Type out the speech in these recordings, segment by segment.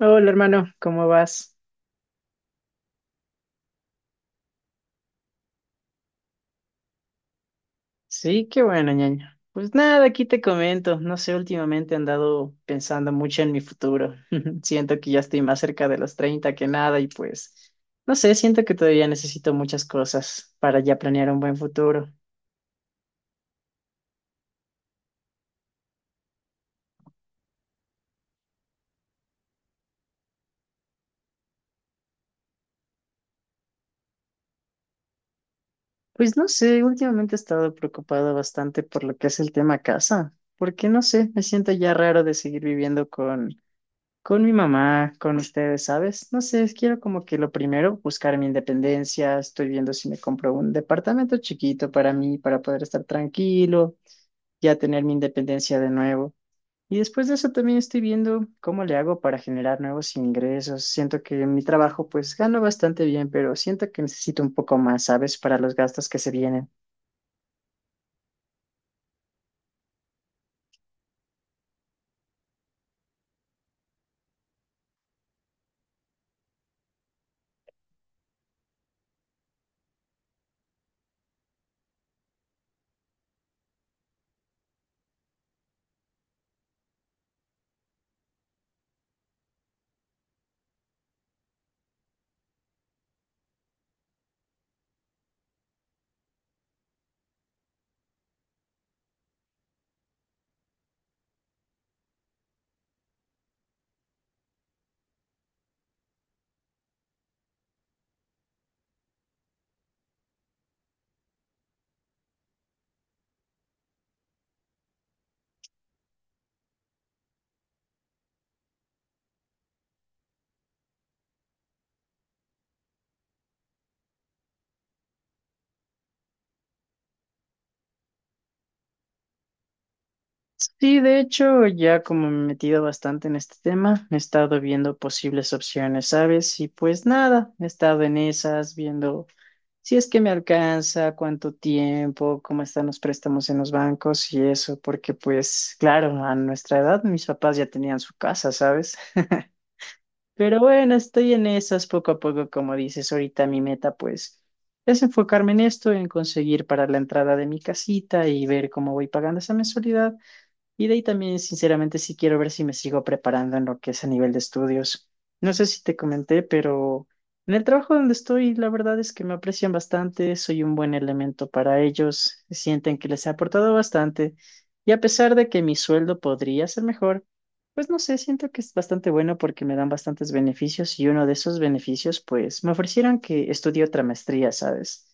Hola hermano, ¿cómo vas? Sí, qué bueno, ñaño. Pues nada, aquí te comento. No sé, últimamente he andado pensando mucho en mi futuro. Siento que ya estoy más cerca de los 30 que nada y pues, no sé, siento que todavía necesito muchas cosas para ya planear un buen futuro. Pues no sé, últimamente he estado preocupado bastante por lo que es el tema casa, porque no sé, me siento ya raro de seguir viviendo con con mi mamá, con ustedes, ¿sabes? No sé, quiero como que lo primero, buscar mi independencia. Estoy viendo si me compro un departamento chiquito para mí, para poder estar tranquilo, ya tener mi independencia de nuevo. Y después de eso también estoy viendo cómo le hago para generar nuevos ingresos. Siento que en mi trabajo pues gano bastante bien, pero siento que necesito un poco más, ¿sabes? Para los gastos que se vienen. Sí, de hecho, ya como me he metido bastante en este tema, he estado viendo posibles opciones, ¿sabes? Y pues nada, he estado en esas, viendo si es que me alcanza, cuánto tiempo, cómo están los préstamos en los bancos y eso, porque pues claro, a nuestra edad mis papás ya tenían su casa, ¿sabes? Pero bueno, estoy en esas poco a poco, como dices, ahorita mi meta pues es enfocarme en esto, en conseguir para la entrada de mi casita y ver cómo voy pagando esa mensualidad. Y de ahí también, sinceramente, sí quiero ver si me sigo preparando en lo que es a nivel de estudios. No sé si te comenté, pero en el trabajo donde estoy, la verdad es que me aprecian bastante, soy un buen elemento para ellos, sienten que les he aportado bastante. Y a pesar de que mi sueldo podría ser mejor, pues no sé, siento que es bastante bueno porque me dan bastantes beneficios y uno de esos beneficios, pues me ofrecieron que estudie otra maestría, ¿sabes?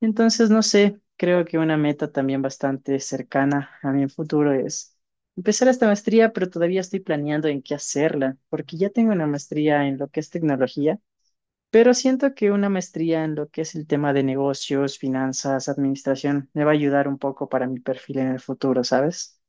Entonces, no sé, creo que una meta también bastante cercana a mi futuro es empezar esta maestría, pero todavía estoy planeando en qué hacerla, porque ya tengo una maestría en lo que es tecnología, pero siento que una maestría en lo que es el tema de negocios, finanzas, administración, me va a ayudar un poco para mi perfil en el futuro, ¿sabes?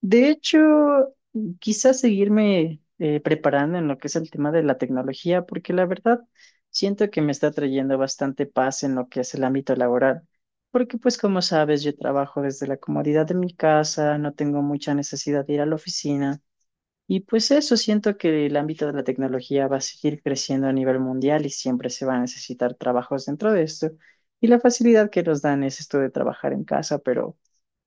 De hecho, quizás seguirme preparando en lo que es el tema de la tecnología, porque la verdad siento que me está trayendo bastante paz en lo que es el ámbito laboral, porque pues como sabes, yo trabajo desde la comodidad de mi casa, no tengo mucha necesidad de ir a la oficina, y pues eso, siento que el ámbito de la tecnología va a seguir creciendo a nivel mundial y siempre se va a necesitar trabajos dentro de esto, y la facilidad que nos dan es esto de trabajar en casa, pero...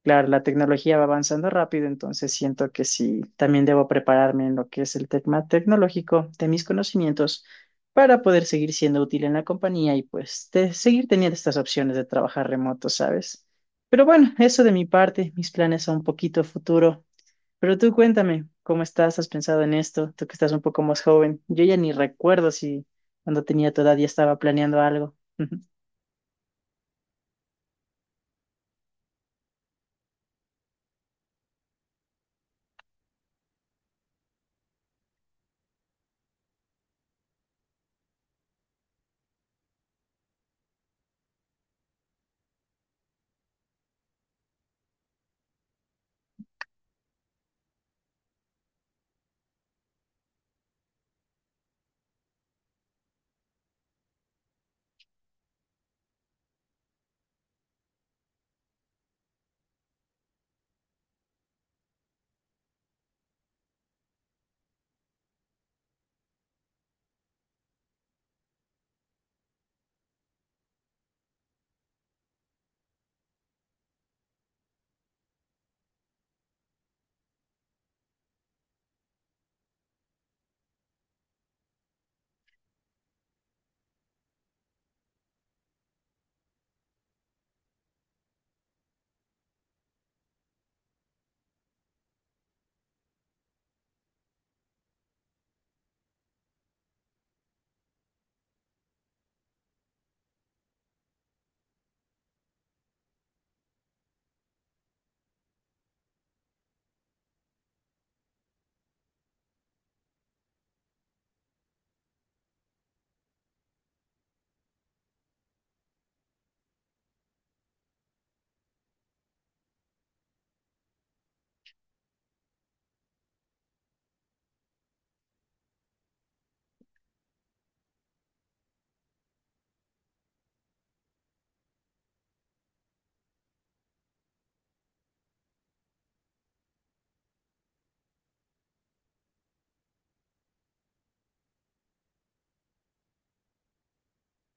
Claro, la tecnología va avanzando rápido, entonces siento que sí, también debo prepararme en lo que es el tema tecnológico de mis conocimientos para poder seguir siendo útil en la compañía y pues te- seguir teniendo estas opciones de trabajar remoto, ¿sabes? Pero bueno, eso de mi parte, mis planes son un poquito futuro. Pero tú cuéntame, ¿cómo estás? ¿Has pensado en esto? Tú que estás un poco más joven. Yo ya ni recuerdo si cuando tenía tu edad ya estaba planeando algo.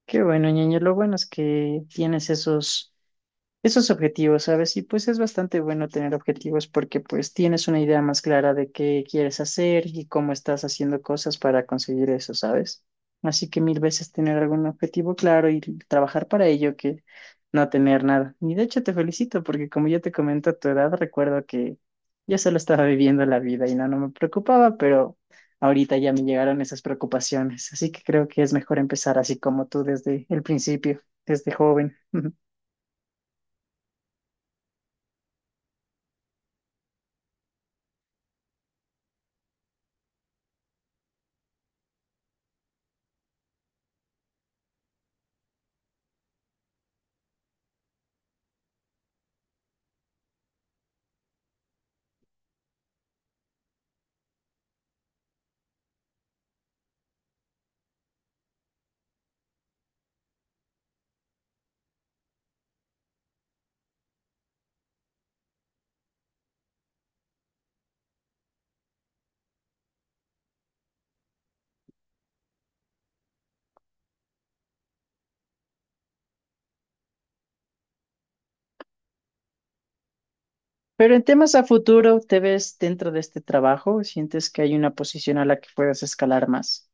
Qué bueno, ñeño, lo bueno es que tienes esos objetivos, ¿sabes? Y pues es bastante bueno tener objetivos porque pues tienes una idea más clara de qué quieres hacer y cómo estás haciendo cosas para conseguir eso, ¿sabes? Así que mil veces tener algún objetivo claro y trabajar para ello que no tener nada. Y de hecho te felicito porque como ya te comento a tu edad, recuerdo que yo solo estaba viviendo la vida y no, no me preocupaba, pero ahorita ya me llegaron esas preocupaciones. Así que creo que es mejor empezar así como tú desde el principio, desde joven. Pero en temas a futuro, ¿te ves dentro de este trabajo? ¿Sientes que hay una posición a la que puedas escalar más?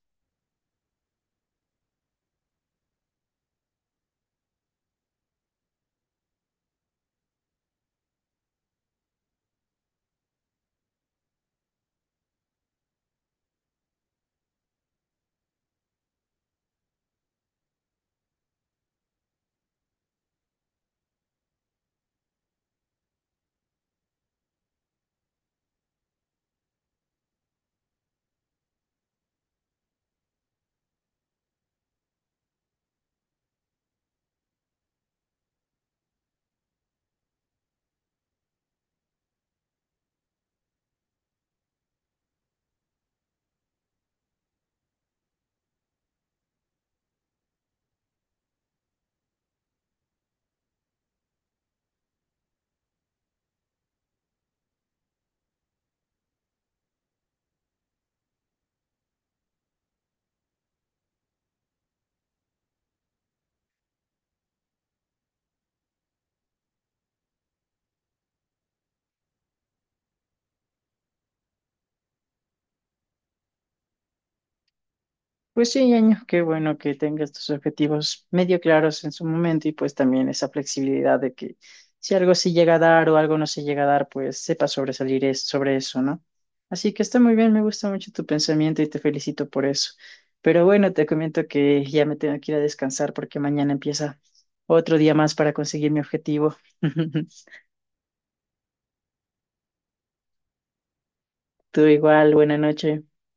Pues sí, Ñaño, qué bueno que tengas tus objetivos medio claros en su momento y pues también esa flexibilidad de que si algo sí llega a dar o algo no se llega a dar, pues sepas sobresalir es- sobre eso, ¿no? Así que está muy bien, me gusta mucho tu pensamiento y te felicito por eso. Pero bueno, te comento que ya me tengo que ir a descansar porque mañana empieza otro día más para conseguir mi objetivo. Tú igual, buena noche.